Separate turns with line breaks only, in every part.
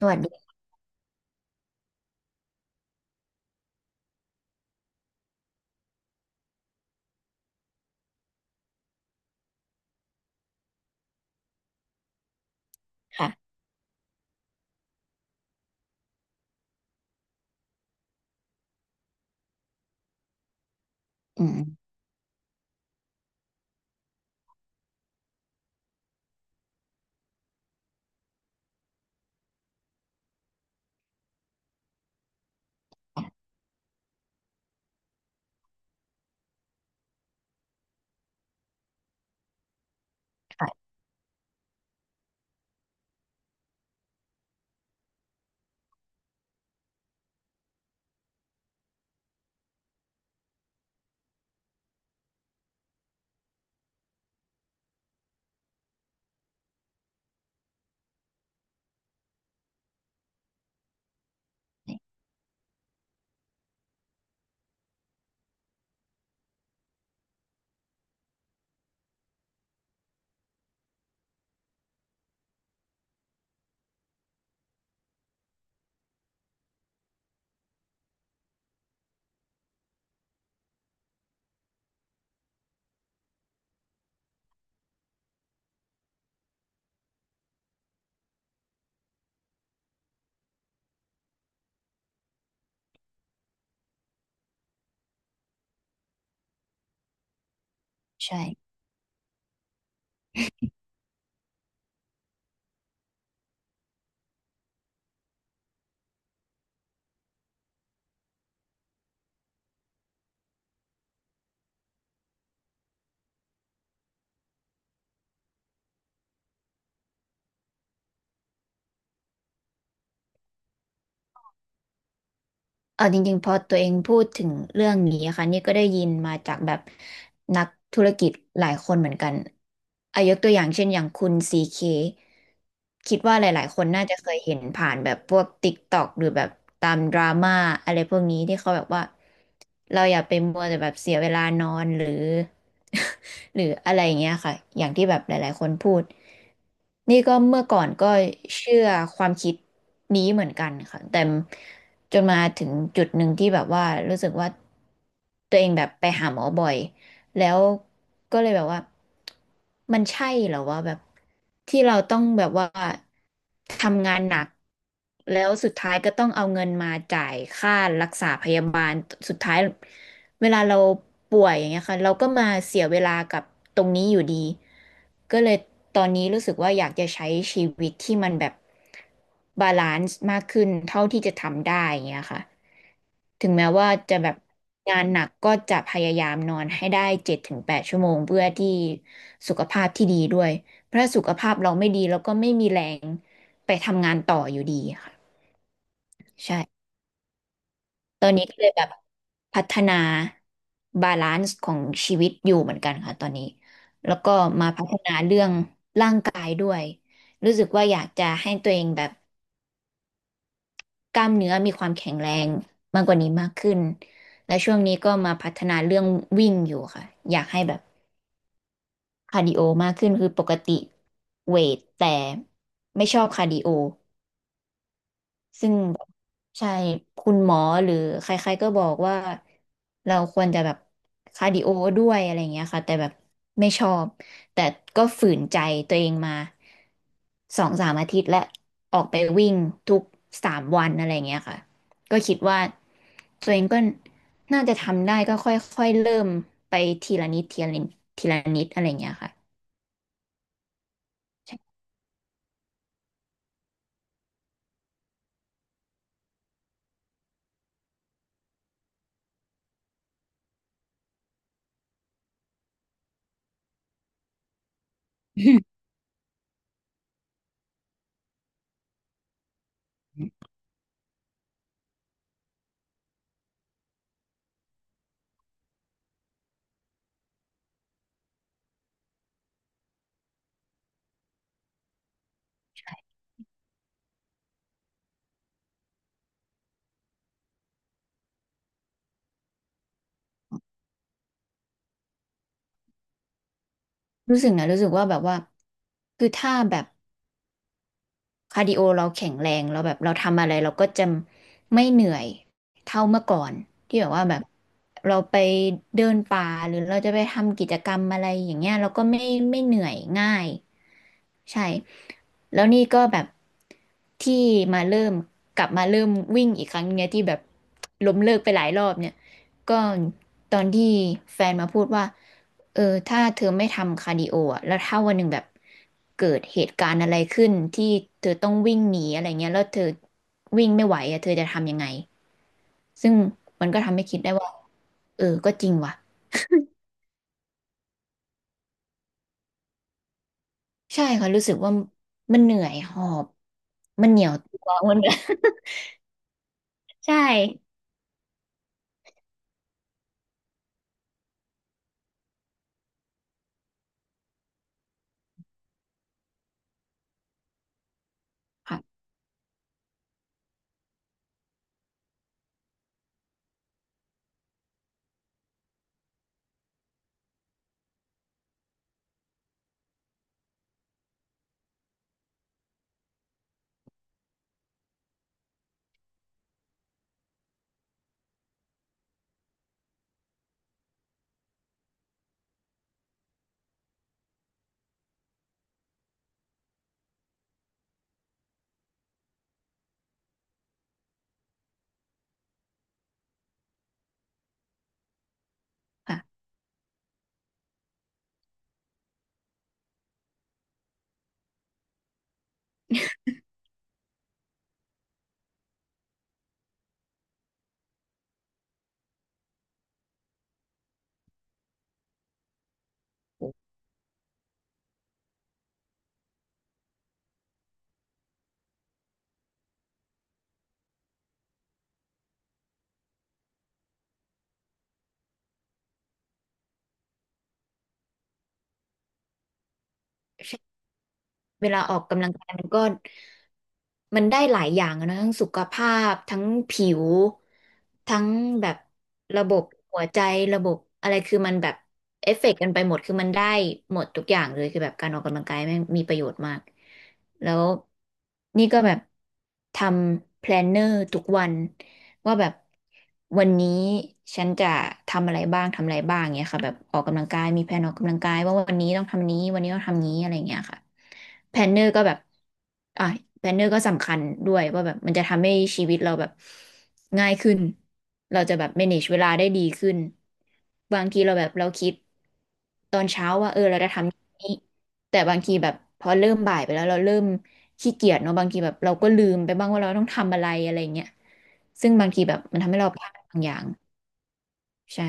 สวัสดีค่ะอืมค่ะใช่เออจริงๆ พอตัวเองพูดถึงเรื่องนี้ะค่ะนี่ก็ได้ยินมาจากแบบนักธุรกิจหลายคนเหมือนกันอายกตัวอย่างเช่นอย่างคุณซีเคคิดว่าหลายๆคนน่าจะเคยเห็นผ่านแบบพวก TikTok หรือแบบตามดราม่าอะไรพวกนี้ที่เขาแบบว่าเราอย่าไปมัวแต่แบบเสียเวลานอนหรือ หรืออะไรอย่างเงี้ยค่ะอย่างที่แบบหลายๆคนพูด นี่ก็เมื่อก่อนก็เชื่อความคิดนี้เหมือนกันค่ะแต่จนมาถึงจุดหนึ่งที่แบบว่ารู้สึกว่าตัวเองแบบไปหาหมอบ่อย แล้วก็เลยแบบว่ามันใช่เหรอว่าแบบที่เราต้องแบบว่าทำงานหนักแล้วสุดท้ายก็ต้องเอาเงินมาจ่ายค่ารักษาพยาบาลสุดท้ายเวลาเราป่วยอย่างเงี้ยค่ะเราก็มาเสียเวลากับตรงนี้อยู่ดีก็เลยตอนนี้รู้สึกว่าอยากจะใช้ชีวิตที่มันแบบบาลานซ์มากขึ้นเท่าที่จะทำได้อย่างเงี้ยค่ะ ถึงแม้ว่าจะแบบงานหนักก็จะพยายามนอนให้ได้7-8 ชั่วโมงเพื่อที่สุขภาพที่ดีด้วยเพราะถ้าสุขภาพเราไม่ดีเราก็ไม่มีแรงไปทำงานต่ออยู่ดีค่ะใช่ตอนนี้ก็เลยแบบพัฒนาบาลานซ์ของชีวิตอยู่เหมือนกันค่ะตอนนี้แล้วก็มาพัฒนาเรื่องร่างกายด้วยรู้สึกว่าอยากจะให้ตัวเองแบบ กล้ามเนื้อมีความแข็งแรงมากกว่านี้มากขึ้น และช่วงนี้ก็มาพัฒนาเรื่องวิ่งอยู่ค่ะ อยากให้แบบคาร์ดิโอมากขึ้นคือปกติเวทแต่ไม่ชอบคาร์ดิโอ ซึ่งแบบใช่คุณหมอหรือใครๆก็บอกว่าเราควรจะแบบคาร์ดิโอด้วยอะไรอย่างเงี้ยค่ะแต่แบบไม่ชอบแต่ก็ฝืนใจตัวเองมาสองสามอาทิตย์และออกไปวิ่งทุก3 วันอะไรอย่างเงี้ยค่ะก็คิดว่าตัวเองก็น่าจะทำได้ก็ค่อยๆเริ่มไปทีละนิดทีละนิดทีละนิดอะไรอย่างเงี้ยค่ะ รู้สึกนะรู้สึกว่าแบบว่าคือถ้าแบบ คาร์ดิโอเราแข็งแรงเราแบบเราทำอะไรเราก็จะไม่เหนื่อยเท่าเมื่อก่อนที่แบบว่าแบบเราไปเดินป่าหรือเราจะไปทำกิจกรรมอะไรอย่างเงี้ยเราก็ไม่เหนื่อยง่าย ใช่แล้วนี่ก็แบบที่มาเริ่มกลับมาเริ่มวิ่งอีกครั้งเนี่ยที่แบบล้มเลิกไปหลายรอบเนี่ยก็ตอนที่แฟนมาพูดว่าเออถ้าเธอไม่ทำคาร์ดิโออะแล้วถ้าวันหนึ่งแบบเกิดเหตุการณ์อะไรขึ้นที่เธอต้องวิ่งหนีอะไรเงี้ยแล้วเธอวิ่งไม่ไหวอะเธอจะทำยังไงซึ่งมันก็ทำให้คิดได้ว่าเออก็จริงว่ะใช่ค่ะรู้สึกว่ามันเหนื่อยหอบมันเหนียวตัว มัน ใช่ ค่ะค่ะโอ้ใช่เวลาออกกำลังกายมันก็มันได้หลายอย่างอะนะทั้งสุขภาพทั้งผิวทั้งแบบระบบหัวใจระบบอะไรคือมันแบบเอฟเฟกต์กันไปหมดคือมันได้หมดทุกอย่างเลยคือแบบการออกกำลังกายแม่งมีประโยชน์มากแล้วนี่ก็แบบทำแพลนเนอร์ทุกวัน ว่าแบบวันนี้ฉันจะทำอะไรบ้างทำอะไรบ้างเงี้ยค่ะแบบออกกำลังกายมีแผนออกกำลังกายว่าวันนี้ต้องทำนี้วันนี้ต้องทำนี้อะไรเงี้ยค่ะแพลนเนอร์ก็แบบอ่ะแพลนเนอร์ก็สำคัญด้วยว่าแบบมันจะทำให้ชีวิตเราแบบง่ายขึ้นเราจะแบบ manage เวลาได้ดีขึ้นบางทีเราแบบเราคิดตอนเช้าว่าเออเราจะทำนี้แต่บางทีแบบพอเริ่มบ่ายไปแล้วเราเริ่มขี้เกียจเนาะบางทีแบบเราก็ลืมไปบ้างว่าเราต้องทำอะไรอะไรเงี้ย ซึ่งบางทีแบบมันทำให้เราพลาดบางอย่างใช่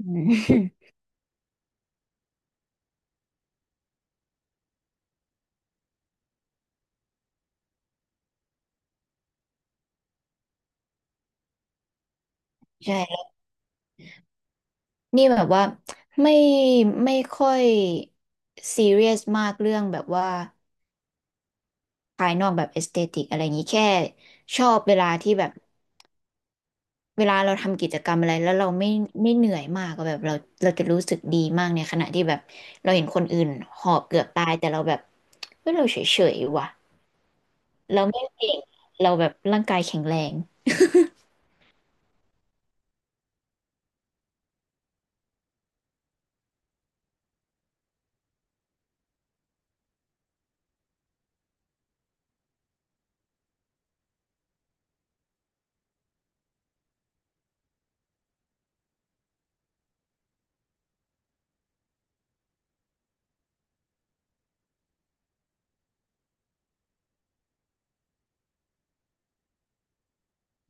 อืม ใช่นี่แบบว่าไม่ไม่ค่อยซีเรียสมากเรื่องแบบว่าภายนอกแบบเอสเตติกอะไรอย่างนี้แค่ชอบเวลาที่แบบเวลาเราทำกิจกรรมอะไรแล้วเราไม่เหนื่อยมากอะแบบเราเราจะรู้สึกดีมากในขณะที่แบบเราเห็นคนอื่นหอบเกือบตายแต่เราแบบเฮ้ยเราเฉยๆว่ะเราไม่เก่งเราแบบร่างกายแข็งแรง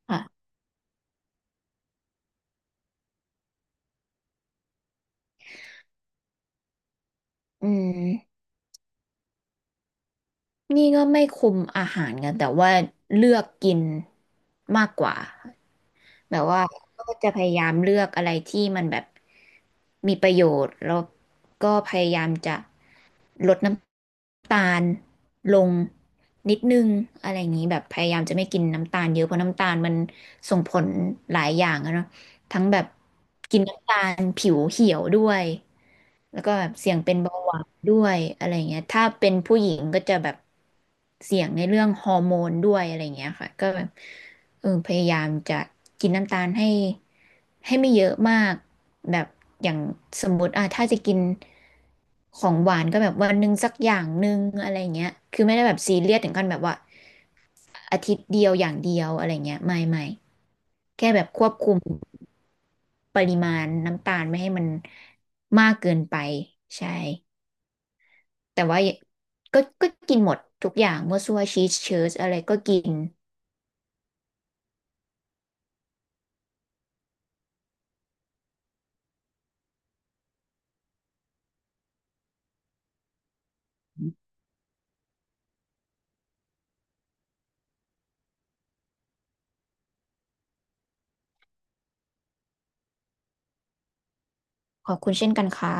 อ่ะอืม นี่ก็ไม่คุมอาหารกันแต่ว่าเลือกกินมากกว่าแบบว่าก็จะพยายามเลือกอะไรที่มันแบบมีประโยชน์แล้วก็พยายามจะลดน้ำตาลลงนิดนึงอะไรอย่างนี้แบบพยายามจะไม่กินน้ำตาลเยอะเพราะน้ำตาลมันส่งผลหลายอย่างอะเนาะทั้งแบบกินน้ำตาลผิวเหี่ยวด้วย แล้วก็แบบเสี่ยงเป็นเบาหวานด้วยอะไรเงี้ยถ้าเป็นผู้หญิงก็จะแบบเสี่ยงในเรื่องฮอร์โมนด้วยอะไรเงี้ยค่ะก็แบบเออพยายามจะกินน้ำตาลให้ไม่เยอะมากแบบอย่างสมมติอ่ะถ้าจะกินของหวานก็แบบวันหนึ่งสักอย่างหนึ่งอะไรเงี้ยคือไม่ได้แบบซีเรียสถึงขั้นแบบว่าอาทิตย์เดียวอย่างเดียวอะไรเงี้ยไม่แค่แบบควบคุมปริมาณน้ำตาลไม่ให้มันมากเกินไปใช่ แต่ว่าก็กินหมดทุกอย่างมั่วซั่วชีสเชีสอะไรก็กินขอบคุณเช่นกันค่ะ